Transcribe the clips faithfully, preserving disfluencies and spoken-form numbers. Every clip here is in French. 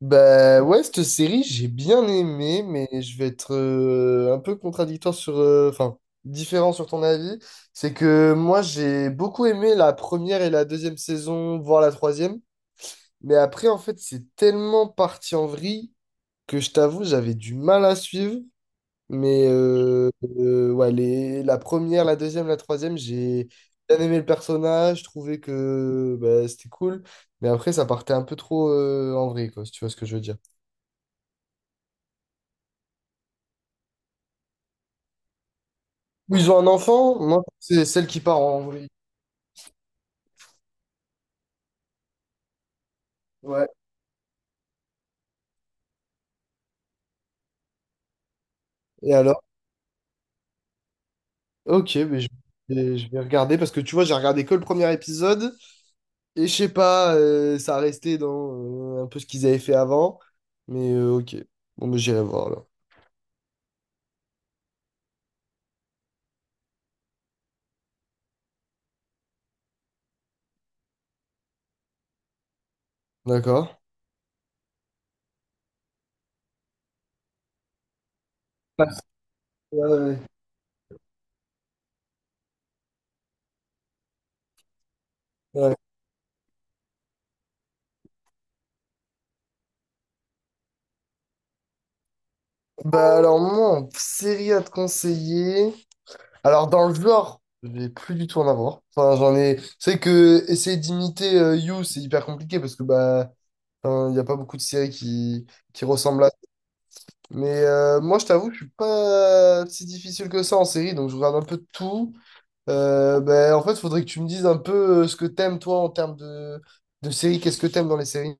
Bah ouais, cette série, j'ai bien aimé, mais je vais être euh, un peu contradictoire sur... euh, Enfin, différent sur ton avis. C'est que moi, j'ai beaucoup aimé la première et la deuxième saison, voire la troisième. Mais après, en fait, c'est tellement parti en vrille que je t'avoue, j'avais du mal à suivre. Mais euh, euh, ouais, les, la première, la deuxième, la troisième, j'ai bien aimé le personnage, je trouvais que bah, c'était cool. Mais après, ça partait un peu trop euh, en vrille, quoi, si tu vois ce que je veux dire. Ils ont un enfant? Moi, c'est celle qui part en vrai. Ouais. Et alors? Ok, mais je, et je vais regarder parce que tu vois, j'ai regardé que le premier épisode et je sais pas, euh, ça restait dans euh, un peu ce qu'ils avaient fait avant. Mais euh, ok. Bon, mais j'irai voir là. D'accord? Parce- Ouais, ouais, ouais. Bah alors moi, en série à te conseiller. Alors dans le genre, je vais plus du tout en avoir. Enfin, j'en ai. C'est que essayer d'imiter euh, You, c'est hyper compliqué parce que bah enfin, il n'y a pas beaucoup de séries qui, qui ressemblent à. Mais euh, moi, je t'avoue, je suis pas si difficile que ça en série, donc je regarde un peu de tout. Euh, ben, en fait, il faudrait que tu me dises un peu euh, ce que t'aimes, toi, en termes de, de séries. Qu'est-ce que t'aimes dans les séries?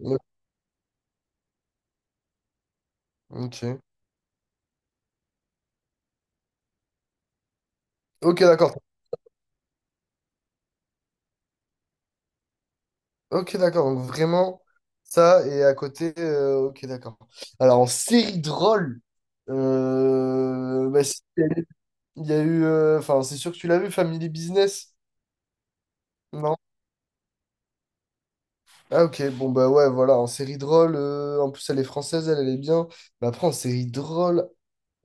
Ouais. Ok. Ok, d'accord. Ok, d'accord. Donc, vraiment, ça, et à côté, euh, ok, d'accord. Alors, en série drôle, euh, bah, si, il y a eu... euh, Enfin, c'est sûr que tu l'as vu, Family Business, non? Ah ok, bon bah ouais, voilà, en série drôle, euh, en plus elle est française, elle, elle est bien. Mais après, en série drôle,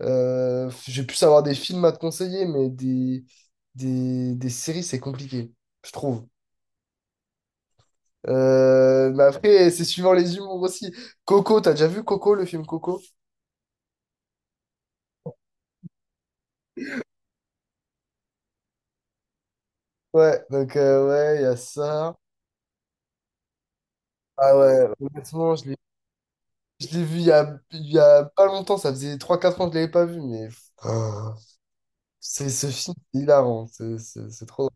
euh, j'ai pu savoir des films à te conseiller, mais des, des, des séries, c'est compliqué, je trouve. Euh, mais après, c'est suivant les humours aussi. Coco, t'as déjà vu Coco, le film Coco? Ouais, donc euh, ouais, il y a ça. Ah ouais, honnêtement, je l'ai je l'ai vu il y a, il y a pas longtemps, ça faisait trois quatre ans que je l'avais pas vu, mais... Ah, c'est ce film, c'est hilarant, c'est c'est- c'est trop...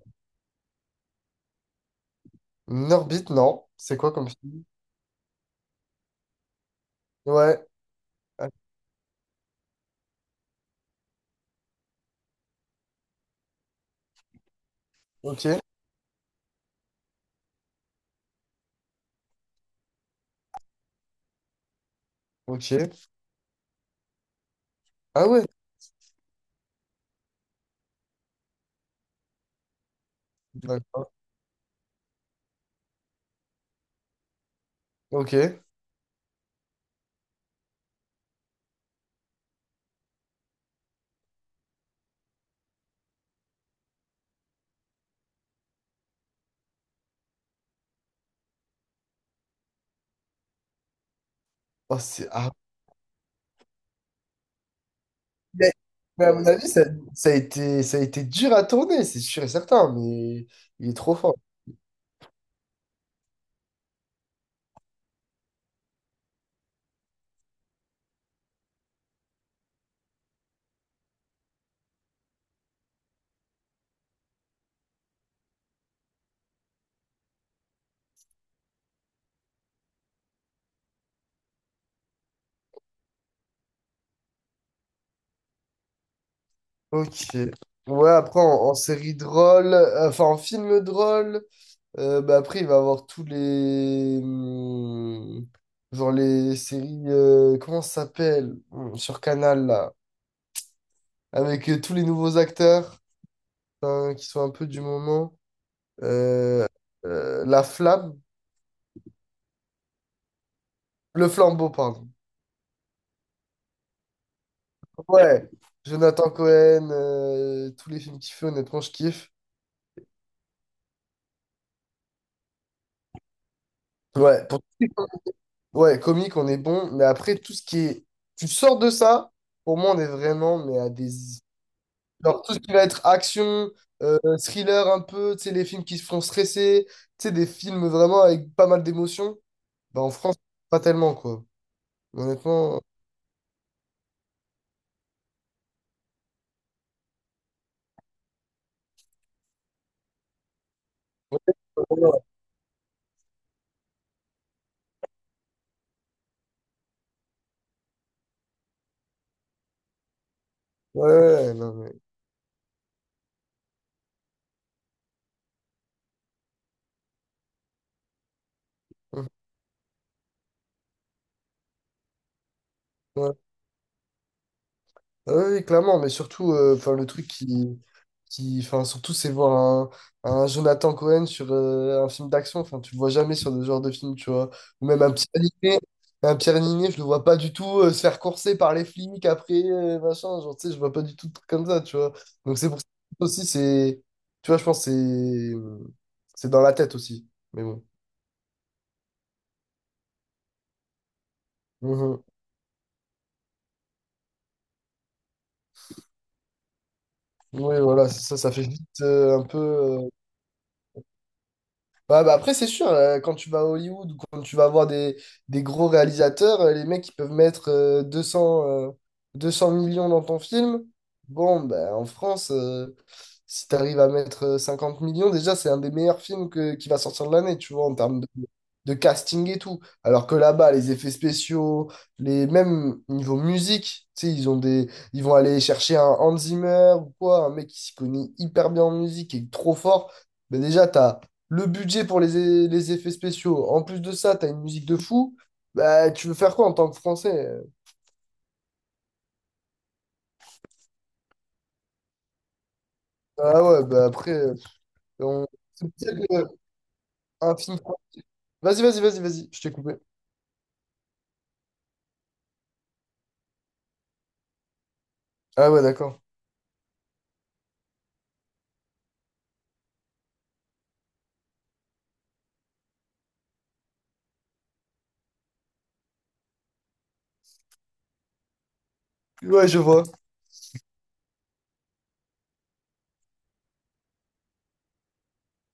Norbit, non. C'est quoi comme film? Ouais. Ah, ok. Ok. Ah ouais. D'accord. Ok. Oh, c'est... ah. Mais, mais à mon avis, ça, ça a été, ça a été dur à tourner, c'est sûr et certain, mais il est trop fort. Ok. Ouais, après, en, en série drôle, euh, enfin, en film drôle, euh, bah, après, il va avoir tous les... hum, Genre les séries... euh, comment ça s'appelle? Hum, Sur Canal, là. Avec euh, tous les nouveaux acteurs, hein, qui sont un peu du moment. Euh, euh, la flamme, le flambeau, pardon. Ouais, Jonathan Cohen, euh, tous les films qu'il fait, honnêtement, je kiffe. Ouais, pour- ouais, comique, on est bon, mais après, tout ce qui est. Tu sors de ça, pour moi, on est vraiment, mais à des. Genre, tout ce qui va être action, euh, thriller un peu, tu sais, les films qui se font stresser, tu sais, des films vraiment avec pas mal d'émotions, bah, en France, pas tellement, quoi. Honnêtement. Ouais, ouais, ouais, non, mais. Ouais. Ah oui, oui, clairement, mais surtout, euh, enfin, le truc qui, qui, enfin, surtout, c'est voir un, un Jonathan Cohen sur euh, un film d'action. Enfin, tu le vois jamais sur ce genre de film, tu vois. Ou même un Pierre Niney, un Pierre Niney, je le vois pas du tout euh, se faire courser par les flics après, euh, machin. Genre, tu sais, je vois pas du tout de trucs comme ça, tu vois. Donc, c'est pour ça aussi, c'est, tu vois, je pense que c'est, c'est dans la tête aussi. Mais bon. Mhm. Oui, voilà, c'est ça, ça fait vite euh, un peu. euh, bah bah après, c'est sûr, euh, quand tu vas à Hollywood ou quand tu vas voir des, des gros réalisateurs, euh, les mecs, ils peuvent mettre euh, deux cents, euh, deux cents millions dans ton film. Bon, bah, en France, euh, si tu arrives à mettre euh, cinquante millions, déjà, c'est un des meilleurs films que, qui va sortir de l'année, tu vois, en termes de, de casting et tout. Alors que là-bas, les effets spéciaux, les même niveau musique, tu sais, ils ont des, ils vont aller chercher un Hans Zimmer ou quoi, un mec qui s'y connaît hyper bien en musique et trop fort. Mais déjà, tu as le budget pour les, é- les effets spéciaux. En plus de ça, t'as une musique de fou. Bah, tu veux faire quoi en tant que Français? Ah ouais, bah après, euh, on... c'est pour ça que, euh, un film. Vas-y, vas-y, vas-y, vas-y, je t'ai coupé. Ah ouais, d'accord. Ouais, je vois.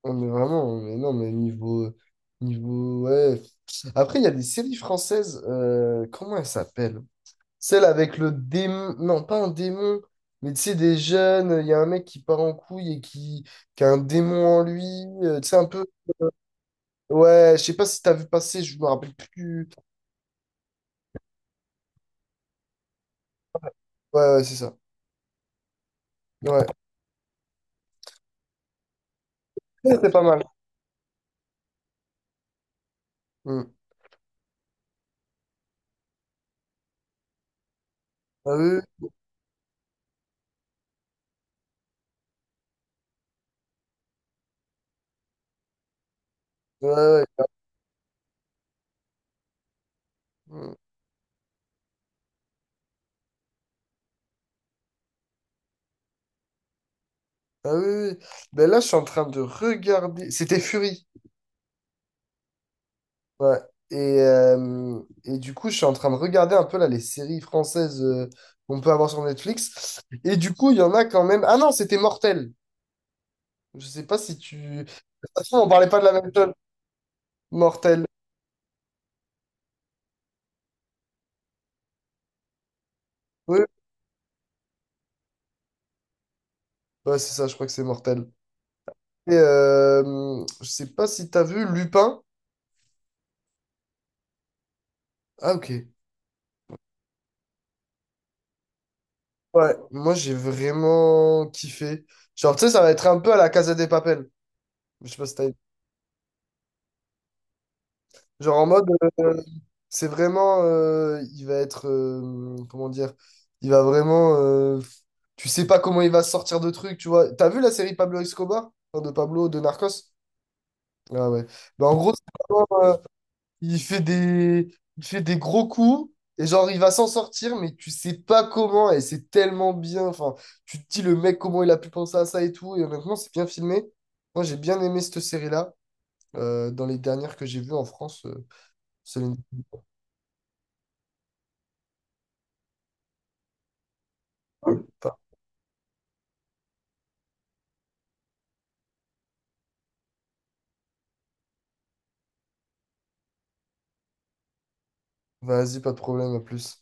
On est vraiment, mais non, mais niveau. Niveau. Ouais. Après, il y a des séries françaises. euh, Comment elles s'appellent? Celle avec le démon. Non, pas un démon. Mais tu sais, des jeunes, il y a un mec qui part en couille et qui, qui a un démon en lui. euh, tu sais, un peu. Ouais, je sais pas si t'as vu passer, je me rappelle plus. Ouais, ouais, c'est ça. Ouais, c'était pas mal. Hmm. Ah oui, oui, ouais, ouais. Hmm. Ah oui, oui, oui. Ben là, je suis en train de regarder. C'était Fury. Ouais. Et, euh, et du coup, je suis en train de regarder un peu là les séries françaises euh, qu'on peut avoir sur Netflix. Et du coup, il y en a quand même. Ah non, c'était Mortel. Je sais pas si tu. De toute façon, on parlait pas de la même chose. Mortel. Oui. Ouais, c'est ça, je crois que c'est Mortel. Et euh, je sais pas si t'as vu Lupin. Ah, ok. Ouais, moi j'ai vraiment kiffé. Genre, tu sais, ça va être un peu à la Casa des Papel. Je sais pas si t'as... Genre en mode, euh, c'est vraiment, euh, il va être, euh, comment dire, il va vraiment, euh, tu sais pas comment il va sortir de trucs, tu vois. T'as vu la série Pablo Escobar? Enfin, de Pablo, de Narcos? Ah ouais. Bah, en gros, il fait des, il fait des gros coups et genre il va s'en sortir, mais tu sais pas comment et c'est tellement bien. Enfin, tu te dis le mec comment il a pu penser à ça et tout. Et honnêtement, c'est bien filmé. Moi, j'ai bien aimé cette série-là. Euh, dans les dernières que j'ai vues en France, euh, Céline. Enfin, vas-y, pas de problème, à plus.